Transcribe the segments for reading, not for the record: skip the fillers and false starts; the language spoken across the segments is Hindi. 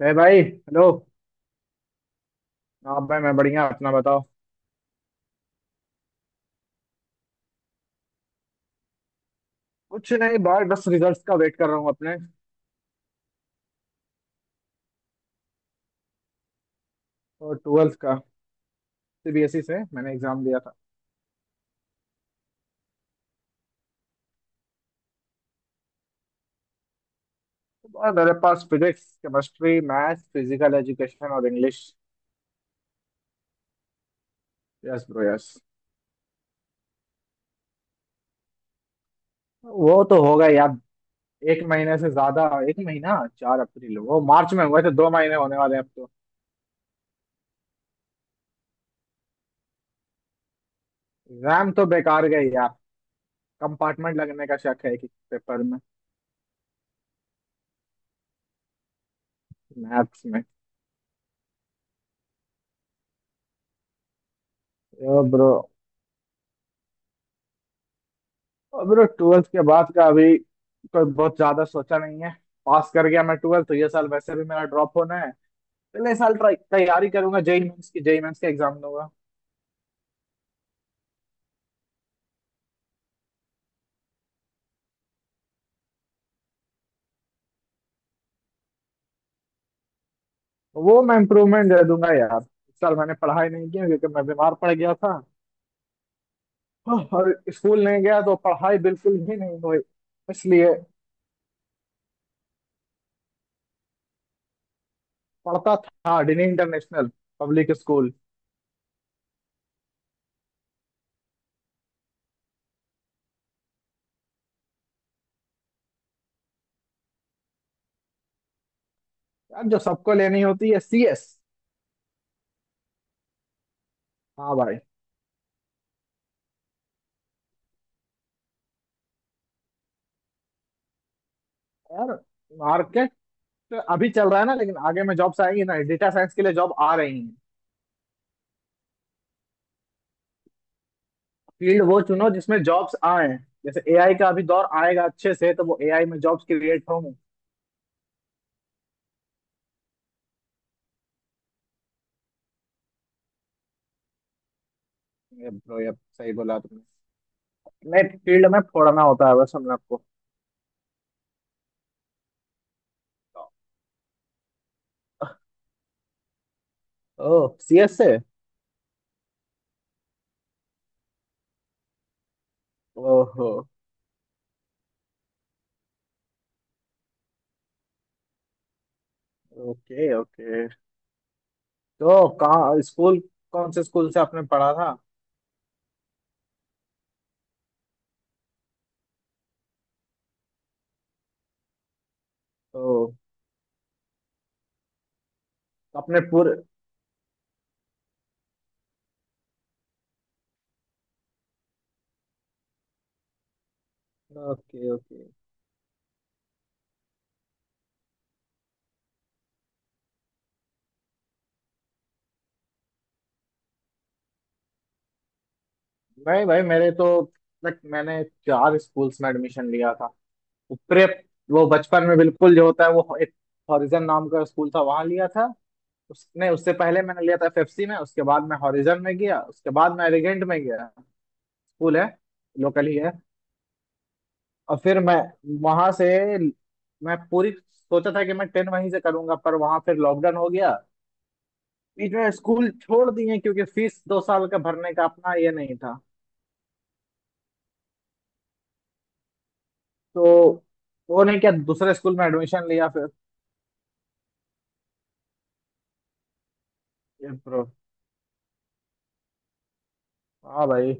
अरे भाई, हेलो। हाँ भाई, मैं बढ़िया, अपना बताओ। कुछ नहीं भाई, बस रिजल्ट्स का वेट कर रहा हूँ अपने। और ट्वेल्थ का। सीबीएसई से मैंने एग्जाम दिया था। तो बहुत, मेरे पास physics, chemistry, maths, physical education और इंग्लिश। Yes bro, yes. वो तो होगा यार, एक महीने से ज्यादा। एक महीना, 4 अप्रैल, वो मार्च में हुए थे, 2 महीने होने वाले हैं अब तो। एग्जाम तो बेकार गए यार। कंपार्टमेंट लगने का शक है, एक पेपर में। मैथ्स में। ओ ब्रो। और मेरा ट्वेल्थ के बाद का अभी कोई बहुत ज्यादा सोचा नहीं है। पास कर गया मैं ट्वेल्थ तो ये साल वैसे भी मेरा ड्रॉप होना है। अगले साल ट्राई तैयारी करूंगा, जेई मेंस की, जेई मेंस का एग्जाम दूंगा। वो मैं इम्प्रूवमेंट दे दूंगा यार। इस साल मैंने पढ़ाई नहीं की क्योंकि मैं बीमार पड़ गया था। और स्कूल नहीं गया तो पढ़ाई बिल्कुल भी नहीं हुई इसलिए। पढ़ता था डिनी इंटरनेशनल पब्लिक स्कूल। यार जो सबको लेनी होती है, सीएस। हाँ भाई। यार मार्केट तो अभी चल रहा है ना, लेकिन आगे में जॉब्स आएंगी ना, डेटा साइंस के लिए जॉब आ रही है। फील्ड वो चुनो जिसमें जॉब्स आए। जैसे एआई का अभी दौर आएगा अच्छे से, तो वो एआई में जॉब्स क्रिएट होंगे। ये bro, ये सही बोला तुमने। नहीं, फील्ड में फोड़ना होता है बस, हम आपको। ओह, सीएस से। ओहो। Okay, okay. तो कहाँ स्कूल, कौन से स्कूल से आपने पढ़ा था। तो अपने पूरे। Okay, okay. नहीं भाई, मेरे तो, लाइक मैंने चार स्कूल्स में एडमिशन लिया था। प्रेप, वो बचपन में बिल्कुल जो होता है, वो एक हॉरिजन नाम का स्कूल था, वहां लिया था। उसने, उससे पहले मैंने लिया था एफएफसी में, उसके बाद मैं हॉरिजन में गया, उसके बाद मैं एलिगेंट में गया। स्कूल है, लोकल ही है। और फिर मैं वहां से, मैं पूरी सोचा था कि मैं 10 वहीं से करूंगा, पर वहां फिर लॉकडाउन हो गया। बीच में स्कूल छोड़ दिए क्योंकि फीस 2 साल का भरने का अपना ये नहीं था। तो वो नहीं क्या, दूसरे स्कूल में एडमिशन लिया फिर। हाँ भाई।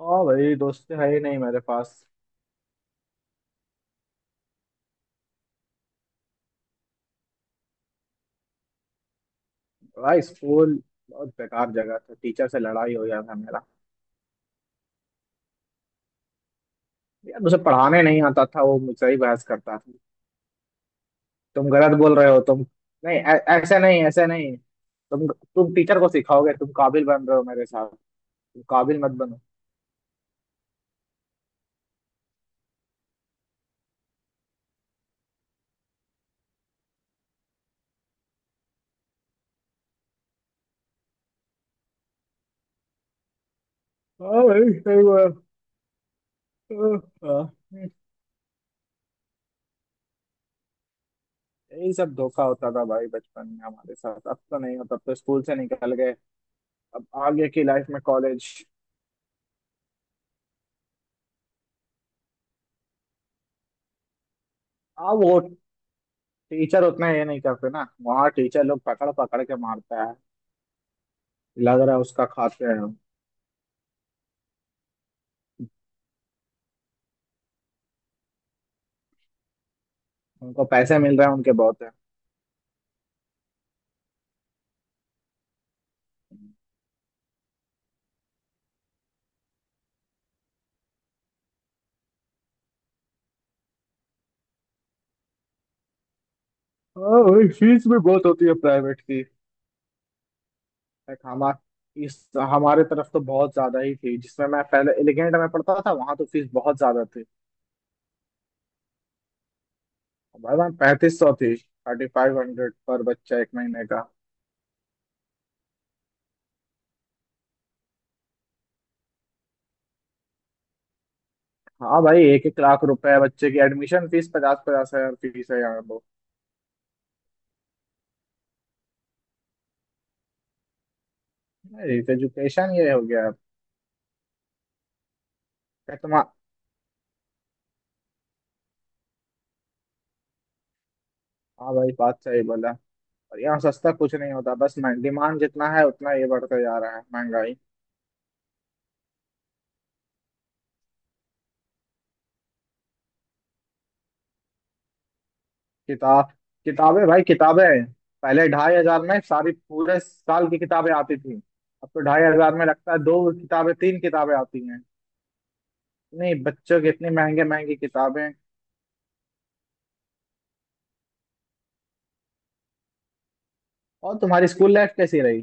हाँ भाई, दोस्त है ही नहीं मेरे पास। भाई स्कूल बहुत बेकार जगह था, टीचर से लड़ाई हो गया था मेरा। यार उसे पढ़ाने नहीं आता था, वो मुझसे ही बहस करता था। तुम गलत बोल रहे हो तुम, नहीं ऐसे नहीं, ऐसे नहीं। तुम टीचर को सिखाओगे, तुम काबिल बन रहे हो मेरे साथ। तुम काबिल मत बनो। हाँ भाई, सही बात। हाँ, हाँ। यही सब धोखा होता था भाई बचपन में हमारे साथ, अब तो नहीं होता, अब तो स्कूल से निकल गए। अब आगे की लाइफ में कॉलेज। अब वो टीचर उतना ये नहीं करते ना, वहाँ टीचर लोग पकड़ पकड़ के मारता है। लग रहा है उसका खाते हैं। उनको पैसे मिल रहे हैं, उनके बहुत है। हाँ वही, फीस भी बहुत होती है प्राइवेट की। लाइक इस हमारे तरफ तो बहुत ज्यादा ही थी, जिसमें मैं पहले एलिगेंट में पढ़ता था, वहां तो फीस बहुत ज्यादा थी। भाई वहाँ 3,500 थी, 3,500 पर बच्चा एक महीने का। हाँ भाई, एक एक लाख रुपए है बच्चे की एडमिशन फीस, पचास पचास हजार फीस है यहाँ तो। एजुकेशन ये हो गया है तुम। हाँ भाई, बात सही बोला। और यहाँ सस्ता कुछ नहीं होता बस, मैं डिमांड जितना है उतना ये बढ़ता जा रहा है, महंगाई। किताब, किताबें भाई, किताबें। पहले 2,500 में सारी पूरे साल की किताबें आती थी। अब तो 2,500 में लगता है दो किताबें, तीन किताबें आती हैं। इतनी बच्चों की इतनी महंगे महंगी किताबें। और तुम्हारी स्कूल लाइफ कैसी रही?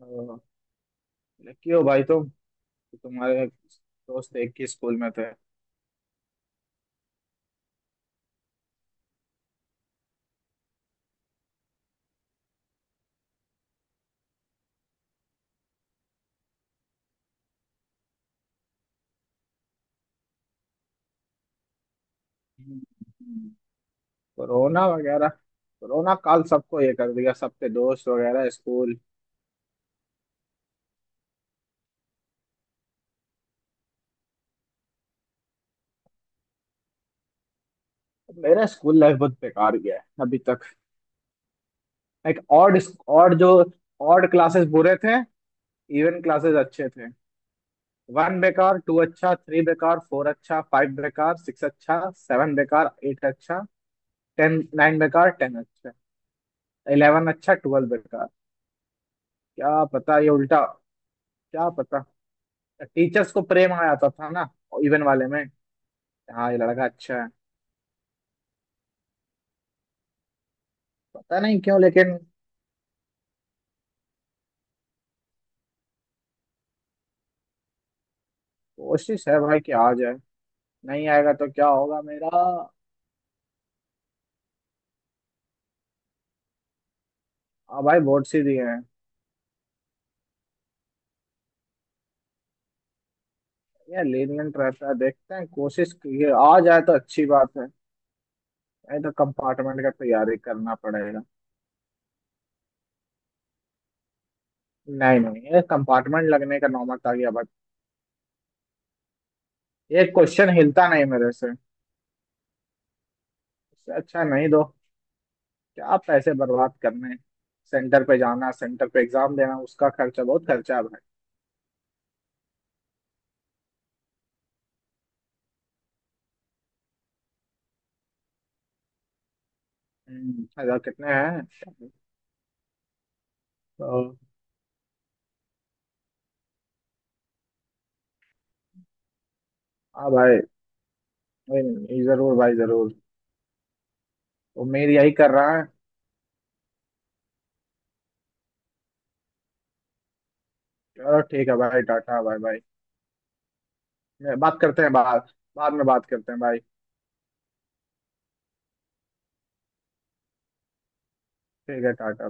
अ, लकी हो भाई तुम कि तुम्हारे दोस्त एक ही स्कूल में थे। हम्म। कोरोना वगैरह, कोरोना काल सबको ये कर दिया, सबके दोस्त वगैरह, स्कूल। मेरा स्कूल लाइफ बहुत बेकार गया है अभी तक। एक ऑड ऑड जो ऑड क्लासेस बुरे थे, इवन क्लासेस अच्छे थे। वन बेकार, टू अच्छा, थ्री बेकार, फोर अच्छा, फाइव बेकार, सिक्स अच्छा, सेवन बेकार, एट अच्छा। टेन नाइन बेकार, 10 अच्छा, 11 अच्छा, 12 बेकार। क्या पता, ये उल्टा, क्या पता। टीचर्स को प्रेम आ जाता था ना, इवन वाले में। हाँ, ये लड़का अच्छा है। पता नहीं क्यों, लेकिन कोशिश है भाई कि आ जाए। नहीं आएगा तो क्या होगा मेरा। हाँ भाई, बहुत सी दिए हैं। ये lenient रहता है, देखते हैं कोशिश की है। आ जाए तो अच्छी बात है। ये तो कंपार्टमेंट का तैयारी करना पड़ेगा। नहीं नहीं, ये कंपार्टमेंट लगने का नौबत आ गया बट। ये क्वेश्चन हिलता नहीं मेरे से। इससे अच्छा नहीं दो, क्या पैसे बर्बाद करने। सेंटर पे जाना, सेंटर पे एग्जाम देना, उसका खर्चा, बहुत खर्चा है भाई। हजार कितने हैं। तो, हाँ भाई। नहीं, नहीं, जरूर भाई, जरूर। उम्मीद यही कर रहा है। चलो ठीक है भाई, टाटा, बाय बाय। बात करते हैं बाद बाद में बात करते हैं भाई। ठीक है, टाटा।